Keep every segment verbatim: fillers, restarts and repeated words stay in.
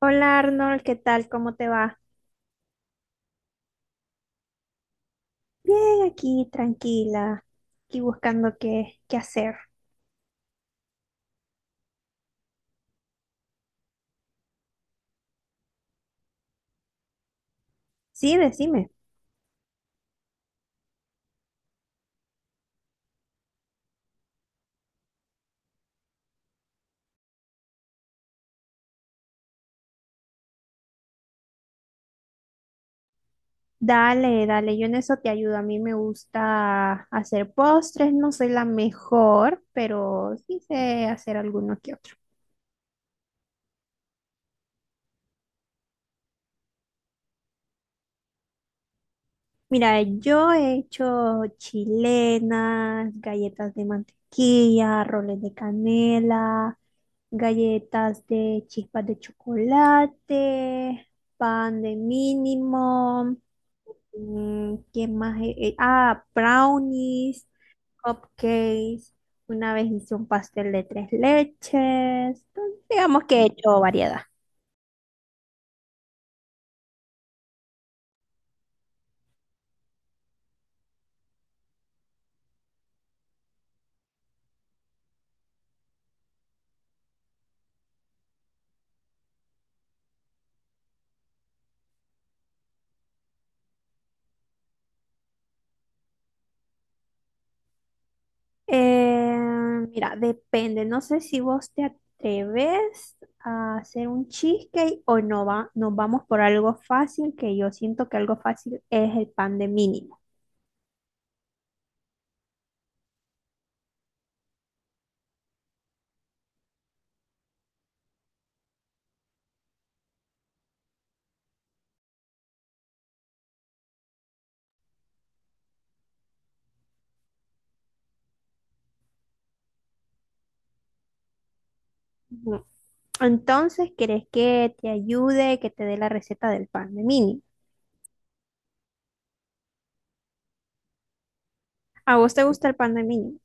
Hola Arnold, ¿qué tal? ¿Cómo te va? Bien, aquí tranquila, aquí buscando qué, qué hacer. Sí, decime. Dale, dale, yo en eso te ayudo. A mí me gusta hacer postres, no soy la mejor, pero sí sé hacer algunos que otros. Mira, yo he hecho chilenas, galletas de mantequilla, roles de canela, galletas de chispas de chocolate, pan de mínimo, mm, ¿qué más? he- he- ah, brownies, cupcakes. Una vez hice un pastel de tres leches. Entonces, digamos que he hecho variedad. Eh, Mira, depende. No sé si vos te atreves a hacer un cheesecake o no va, nos vamos por algo fácil, que yo siento que algo fácil es el pan de mínimo. Ujú. Entonces, ¿querés que te ayude, que te dé la receta del pan de mínimo? ¿A vos te gusta el pan de mínimo?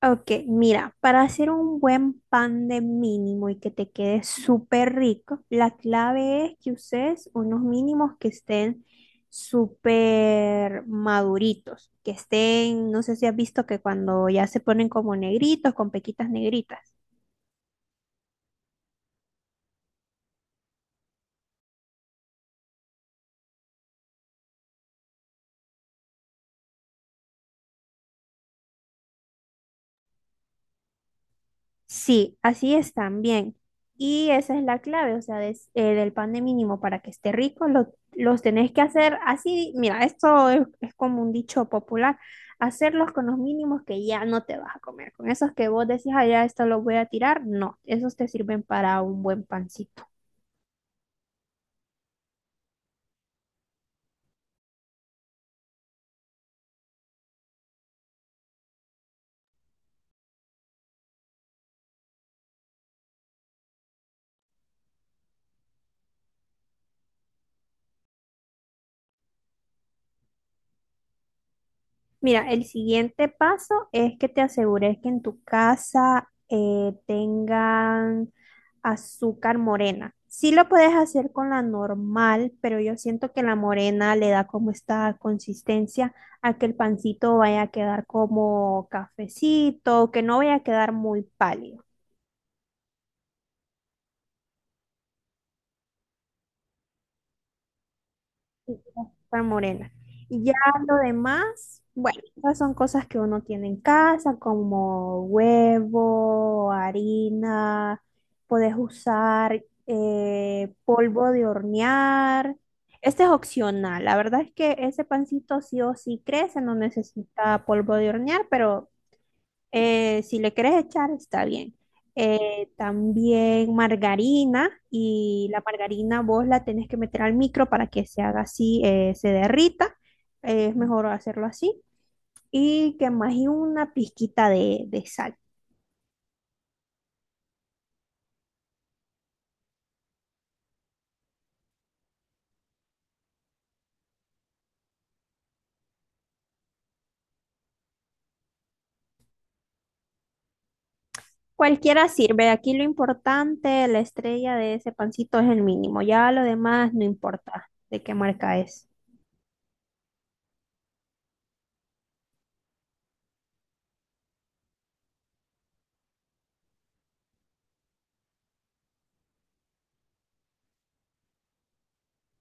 Ok, mira, para hacer un buen pan de mínimo y que te quede súper rico, la clave es que uses unos mínimos que estén súper maduritos, que estén, no sé si has visto que cuando ya se ponen como negritos, con pequitas negritas. Sí, así es también. Y esa es la clave, o sea, des- eh, del pan de mínimo para que esté rico, lo- los tenés que hacer así. Mira, esto es, es como un dicho popular, hacerlos con los mínimos que ya no te vas a comer. Con esos que vos decís, ah, ya esto lo voy a tirar, no, esos te sirven para un buen pancito. Mira, el siguiente paso es que te asegures que en tu casa eh, tengan azúcar morena. Sí lo puedes hacer con la normal, pero yo siento que la morena le da como esta consistencia a que el pancito vaya a quedar como cafecito, que no vaya a quedar muy pálido. Sí, estar morena. Y ya lo demás, bueno, esas son cosas que uno tiene en casa, como huevo, harina, puedes usar eh, polvo de hornear. Este es opcional. La verdad es que ese pancito sí o sí crece, no necesita polvo de hornear, pero eh, si le quieres echar, está bien. Eh, también margarina y la margarina vos la tenés que meter al micro para que se haga así, eh, se derrita. Eh, es mejor hacerlo así. Y que más y una pizquita de, de sal. Cualquiera sirve. Aquí lo importante, la estrella de ese pancito es el mínimo. Ya lo demás no importa de qué marca es.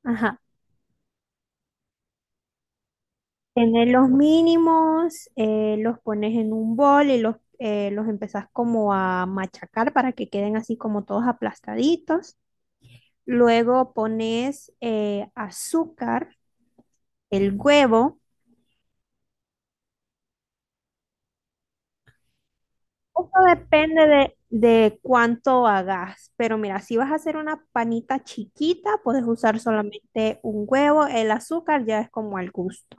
Ajá. Tener los mínimos, eh, los pones en un bol y los, eh, los empezás como a machacar para que queden así como todos aplastaditos. Luego pones eh, azúcar, el huevo. Esto depende de, de cuánto hagas, pero mira, si vas a hacer una panita chiquita, puedes usar solamente un huevo, el azúcar ya es como al gusto.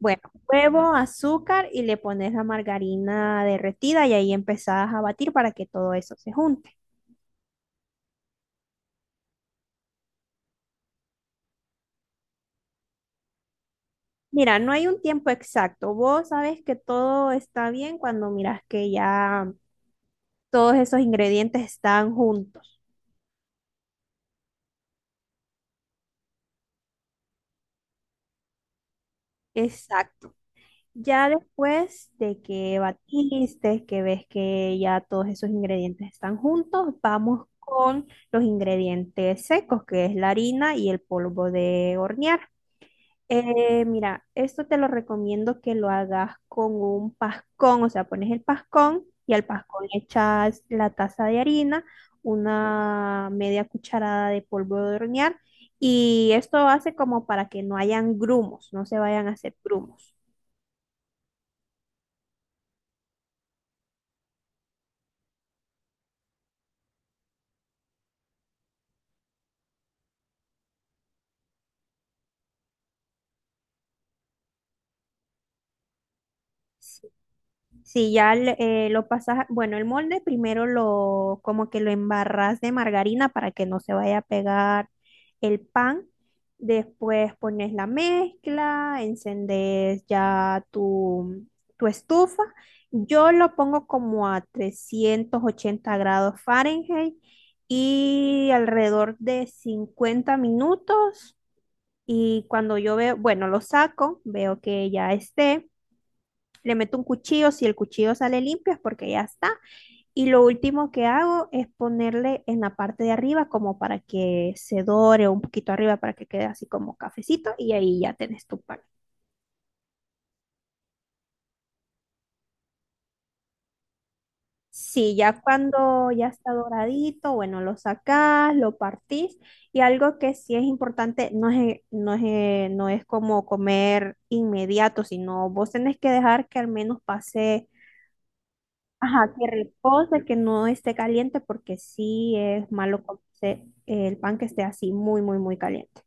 Bueno, huevo, azúcar y le pones la margarina derretida y ahí empezás a batir para que todo eso se junte. Mira, no hay un tiempo exacto. Vos sabes que todo está bien cuando miras que ya todos esos ingredientes están juntos. Exacto. Ya después de que batiste, que ves que ya todos esos ingredientes están juntos, vamos con los ingredientes secos, que es la harina y el polvo de hornear. Eh, mira, esto te lo recomiendo que lo hagas con un pascón, o sea, pones el pascón y al pascón le echas la taza de harina, una media cucharada de polvo de hornear y esto hace como para que no hayan grumos, no se vayan a hacer grumos. Si ya le- eh, lo pasas, bueno, el molde primero lo, como que lo embarras de margarina para que no se vaya a pegar el pan. Después pones la mezcla, encendes ya tu, tu estufa. Yo lo pongo como a trescientos ochenta grados Fahrenheit y alrededor de cincuenta minutos. Y cuando yo veo, bueno, lo saco, veo que ya esté, le meto un cuchillo, si el cuchillo sale limpio es porque ya está. Y lo último que hago es ponerle en la parte de arriba como para que se dore un poquito arriba para que quede así como cafecito y ahí ya tenés tu pan. Sí, ya cuando ya está doradito, bueno, lo sacás, lo partís y algo que sí es importante, no es, no es, eh, no es como comer inmediato, sino vos tenés que dejar que al menos pase. Ajá, que repose, que no esté caliente, porque sí es malo comerse el pan que esté así muy, muy, muy caliente.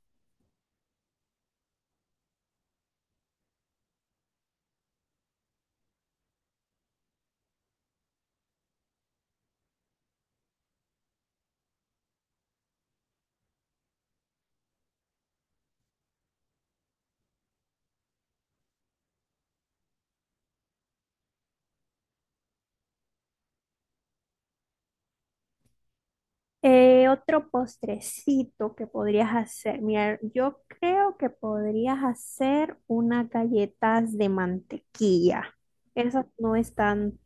Eh, otro postrecito que podrías hacer. Mira, yo creo que podrías hacer unas galletas de mantequilla. Esas no es tan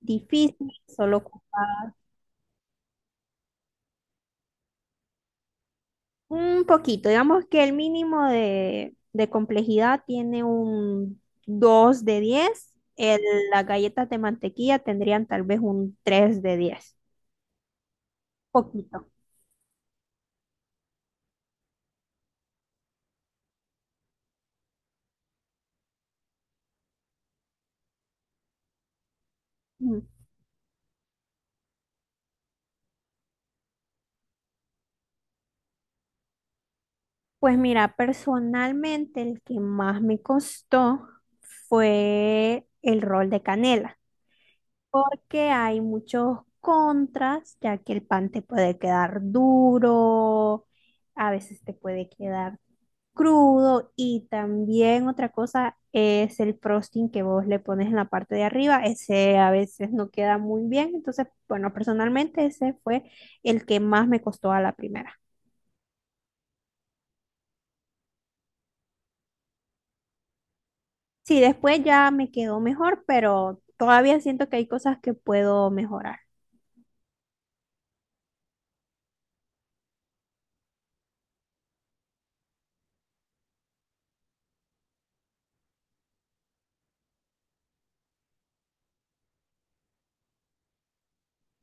difícil, solo con. Un poquito, digamos que el mínimo de, de complejidad tiene un dos de diez, el- las galletas de mantequilla tendrían tal vez un tres de diez poquito. Mm. Pues mira, personalmente el que más me costó fue el rol de canela, porque hay muchos contras, ya que el pan te puede quedar duro, a veces te puede quedar crudo y también otra cosa es el frosting que vos le pones en la parte de arriba, ese a veces no queda muy bien, entonces, bueno, personalmente ese fue el que más me costó a la primera. Sí, después ya me quedó mejor, pero todavía siento que hay cosas que puedo mejorar.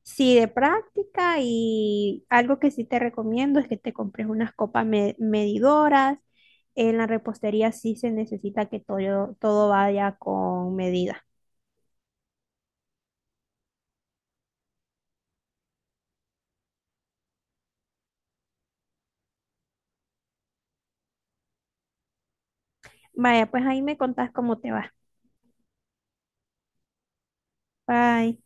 Sí, de práctica y algo que sí te recomiendo es que te compres unas copas me- medidoras. En la repostería sí se necesita que todo, todo vaya con medida. Vaya, pues ahí me contás cómo te va. Bye.